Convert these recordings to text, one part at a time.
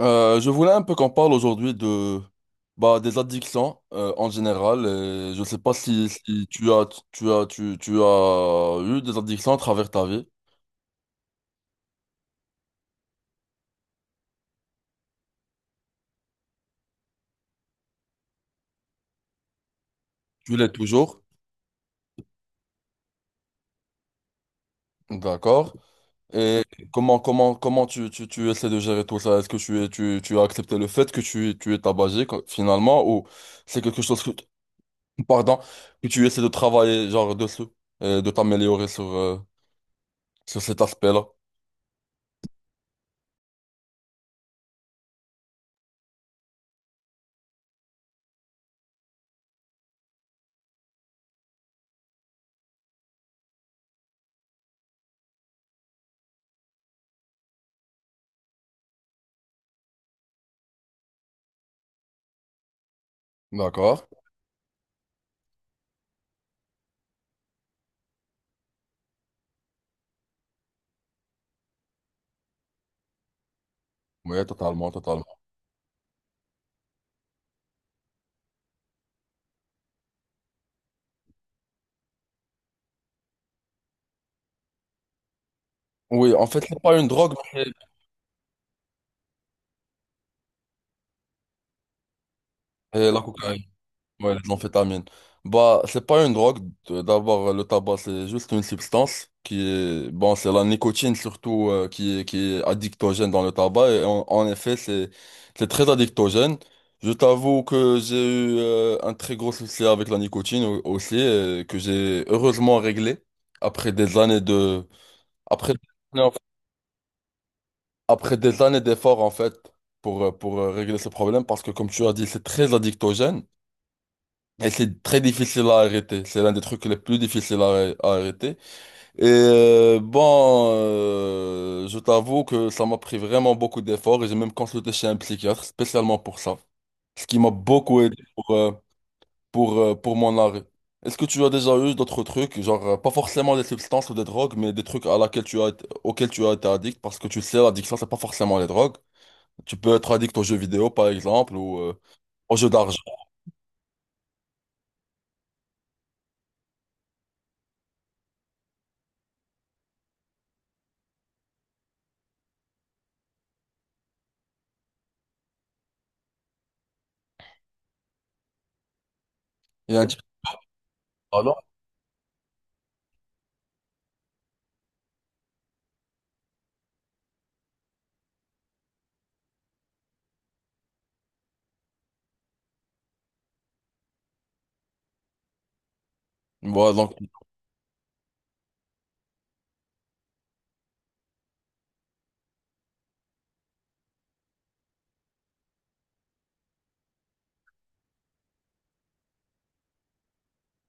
Je voulais un peu qu'on parle aujourd'hui de des addictions en général. Et je sais pas si tu as tu as eu des addictions à travers ta vie. Tu l'es toujours, d'accord. Et comment tu essaies de gérer tout ça? Est-ce que tu as accepté le fait que tu es tabagique quoi, finalement, ou c'est quelque chose que pardon que tu essaies de travailler genre dessus et de t'améliorer sur sur cet aspect-là? D'accord. Oui, totalement, totalement. Oui, en fait, c'est pas une drogue, mais c'est la cocaïne, ouais, l'amphétamine. Bah, c'est pas une drogue. D'abord, le tabac, c'est juste une substance qui est, bon, c'est la nicotine surtout qui est addictogène dans le tabac. Et en effet, c'est très addictogène. Je t'avoue que j'ai eu un très gros souci avec la nicotine aussi, que j'ai heureusement réglé après des années après après des années d'efforts, en fait, pour, régler ce problème, parce que comme tu as dit, c'est très addictogène et c'est très difficile à arrêter. C'est l'un des trucs les plus difficiles à arrêter. Et bon, je t'avoue que ça m'a pris vraiment beaucoup d'efforts et j'ai même consulté chez un psychiatre spécialement pour ça, ce qui m'a beaucoup aidé pour, pour mon arrêt. Est-ce que tu as déjà eu d'autres trucs, genre pas forcément des substances ou des drogues, mais des trucs à laquelle tu as auxquels tu as été addict, parce que tu sais, l'addiction, c'est pas forcément les drogues. Tu peux être addict aux jeux vidéo, par exemple, ou aux jeux d'argent. Il y a un type de talent. Voilà, donc,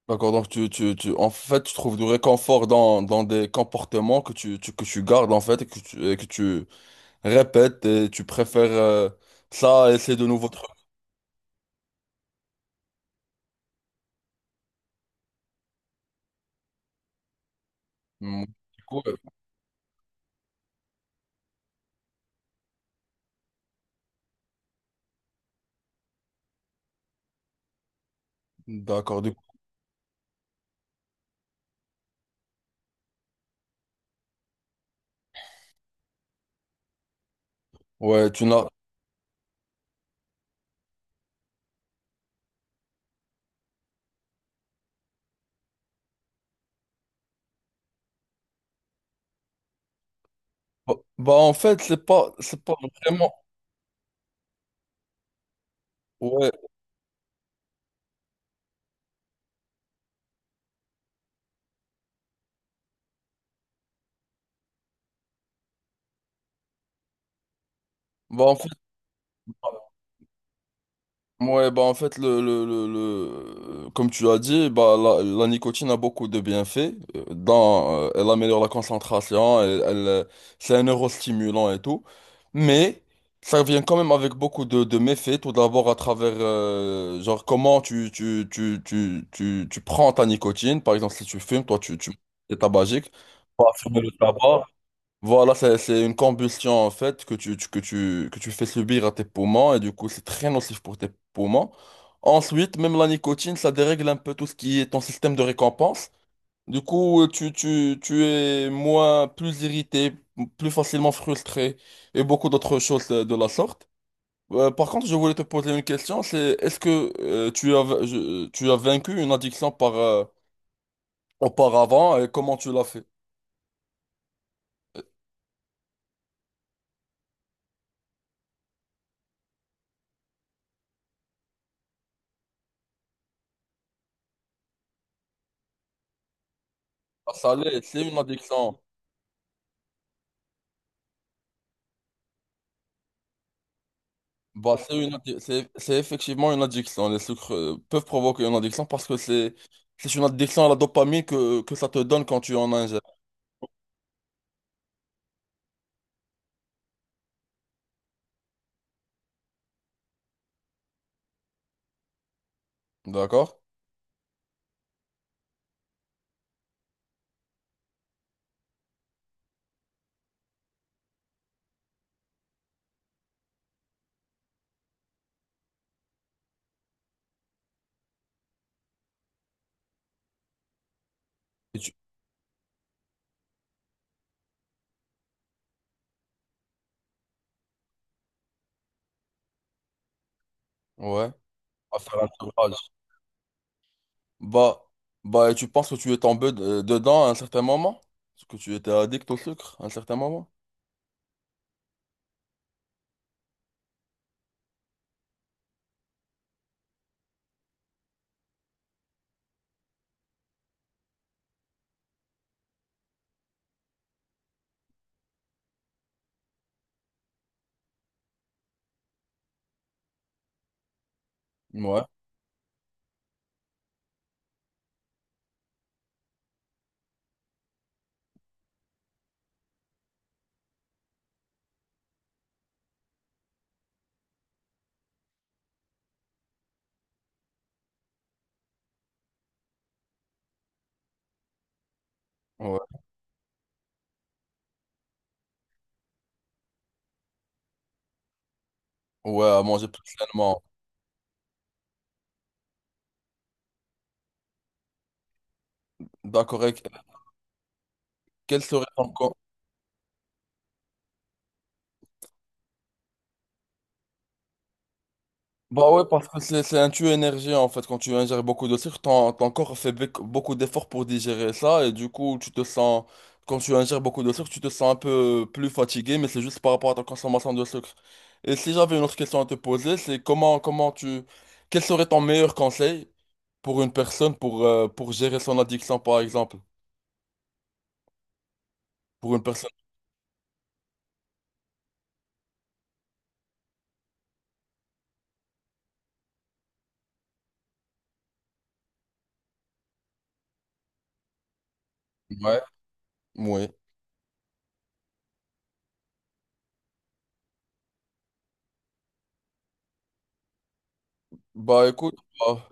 d'accord, donc en fait, tu trouves du réconfort dans, dans des comportements que que tu gardes, en fait, et que tu répètes, et tu préfères ça à essayer de nouveaux trucs. Mm. Du coup, d'accord, du coup. Ouais, tu n'as... Bah, en fait, c'est pas vraiment... Ouais, bah, en fait... Ouais, bah en fait, comme tu as dit, bah, la nicotine a beaucoup de bienfaits. Elle améliore la concentration, elle, c'est un neurostimulant et tout. Mais ça vient quand même avec beaucoup de méfaits. Tout d'abord, à travers genre comment tu prends ta nicotine. Par exemple, si tu fumes, toi, tu es tabagique. Pas fumer le tabac. Voilà, c'est une combustion en fait que que tu fais subir à tes poumons et du coup c'est très nocif pour tes poumons. Ensuite, même la nicotine, ça dérègle un peu tout ce qui est ton système de récompense. Du coup, tu es moins, plus irrité, plus facilement frustré et beaucoup d'autres choses de la sorte. Par contre, je voulais te poser une question, c'est est-ce que tu as vaincu une addiction par, auparavant et comment tu l'as fait? Ça l'est, c'est une addiction. Bah, c'est effectivement une addiction. Les sucres peuvent provoquer une addiction parce que c'est une addiction à la dopamine que ça te donne quand tu en ingères. D'accord? Et tu- Ouais. À faire un sevrage. Bah, bah, et tu penses que tu es tombé dedans à un certain moment? Parce que tu étais addict au sucre à un certain moment? Ouais. Ouais. Ouais, à manger plus sainement. D'accord. Et quel serait ton bah ouais, parce que c'est un tueur énergie en fait. Quand tu ingères beaucoup de sucre, ton corps fait beaucoup d'efforts pour digérer ça et du coup, tu te sens. Quand tu ingères beaucoup de sucre, tu te sens un peu plus fatigué, mais c'est juste par rapport à ta consommation de sucre. Et si j'avais une autre question à te poser, c'est comment quel serait ton meilleur conseil pour une personne pour gérer son addiction par exemple? Pour une personne. Ouais. Ouais. Bah écoute. bah,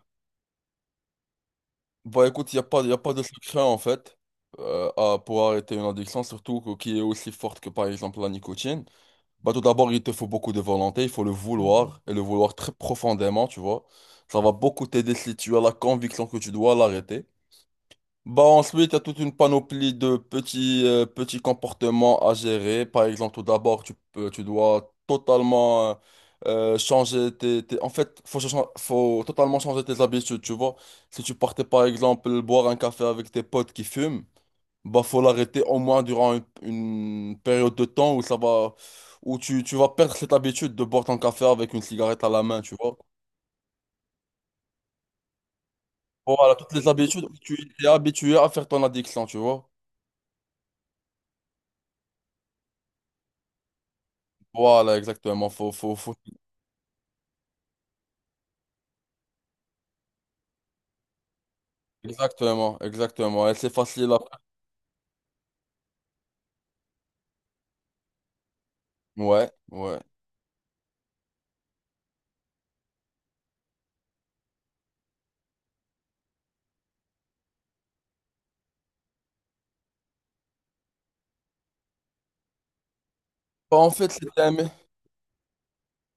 Bah écoute, il n'y a pas, y a pas de secret en fait pour arrêter une addiction, surtout qui est aussi forte que par exemple la nicotine. Bah tout d'abord, il te faut beaucoup de volonté, il faut le vouloir et le vouloir très profondément, tu vois. Ça va beaucoup t'aider si tu as la conviction que tu dois l'arrêter. Bah ensuite, il y a toute une panoplie de petits, petits comportements à gérer. Par exemple, tout d'abord, tu dois totalement changer en fait, faut totalement changer tes habitudes, tu vois. Si tu partais, par exemple, boire un café avec tes potes qui fument, bah faut l'arrêter au moins durant une période de temps où ça va... où tu vas perdre cette habitude de boire ton café avec une cigarette à la main, tu vois. Voilà, toutes les habitudes où tu es habitué à faire ton addiction, tu vois. Voilà, exactement. Faut... Exactement, exactement. Et c'est facile après. Ouais, ouais. Bah, en fait,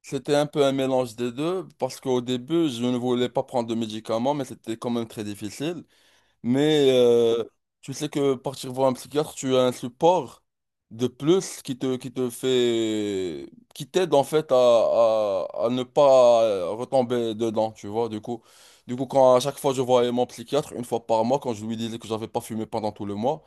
c'était un peu un mélange des deux, parce qu'au début, je ne voulais pas prendre de médicaments, mais c'était quand même très difficile. Mais tu sais que partir voir un psychiatre, tu as un support de plus qui t'aide en fait à ne pas retomber dedans, tu vois. Du coup, quand à chaque fois je voyais mon psychiatre, une fois par mois, quand je lui disais que j'avais pas fumé pendant tout le mois,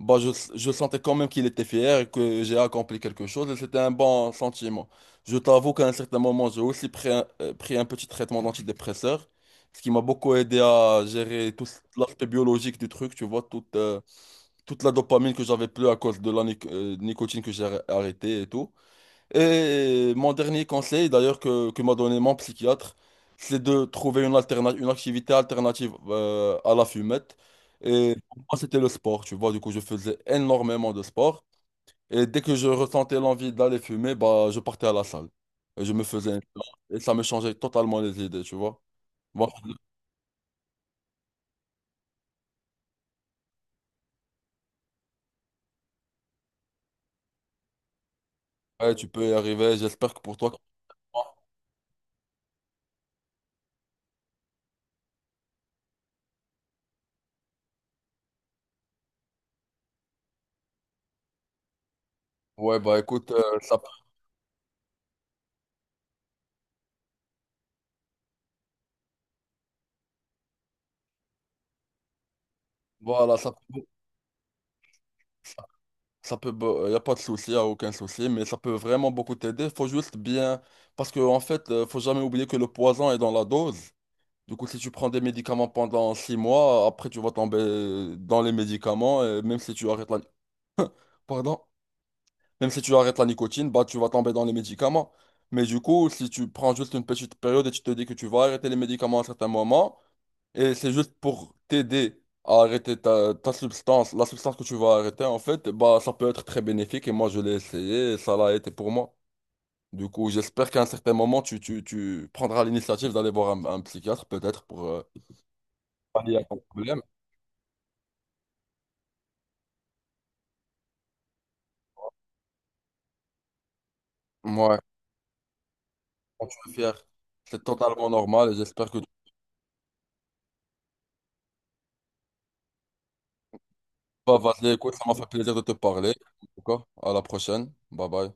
bah je sentais quand même qu'il était fier et que j'ai accompli quelque chose et c'était un bon sentiment. Je t'avoue qu'à un certain moment, j'ai aussi pris pris un petit traitement d'antidépresseur. Ce qui m'a beaucoup aidé à gérer tout l'aspect biologique du truc, tu vois, toute la dopamine que j'avais plus à cause de la nicotine que j'ai arrêtée et tout. Et mon dernier conseil, d'ailleurs, que m'a donné mon psychiatre, c'est de trouver une activité alternative à la fumette. Et pour moi, c'était le sport, tu vois. Du coup, je faisais énormément de sport. Et dès que je ressentais l'envie d'aller fumer, bah, je partais à la salle. Et je me faisais un plan. Et ça me changeait totalement les idées, tu vois. Bon, ouais, tu peux y arriver. J'espère que pour toi. Ouais, bah écoute, voilà, ça, ça peut, il n'y a pas de souci, y a aucun souci, mais ça peut vraiment beaucoup t'aider. Parce que en fait, faut jamais oublier que le poison est dans la dose. Du coup, si tu prends des médicaments pendant 6 mois, après tu vas tomber dans les médicaments, et même si tu arrêtes la, pardon, même si tu arrêtes la nicotine, bah tu vas tomber dans les médicaments. Mais du coup, si tu prends juste une petite période et tu te dis que tu vas arrêter les médicaments à un certain moment, et c'est juste pour t'aider à arrêter la substance que tu vas arrêter, en fait, bah, ça peut être très bénéfique. Et moi, je l'ai essayé et ça l'a été pour moi. Du coup, j'espère qu'à un certain moment, tu prendras l'initiative d'aller voir un psychiatre, peut-être, pour pallier à ton problème. Ouais, quand tu es fier, c'est totalement normal et j'espère que tu Écoute, ça m'a fait plaisir de te parler. En tout cas, à la prochaine. Bye bye.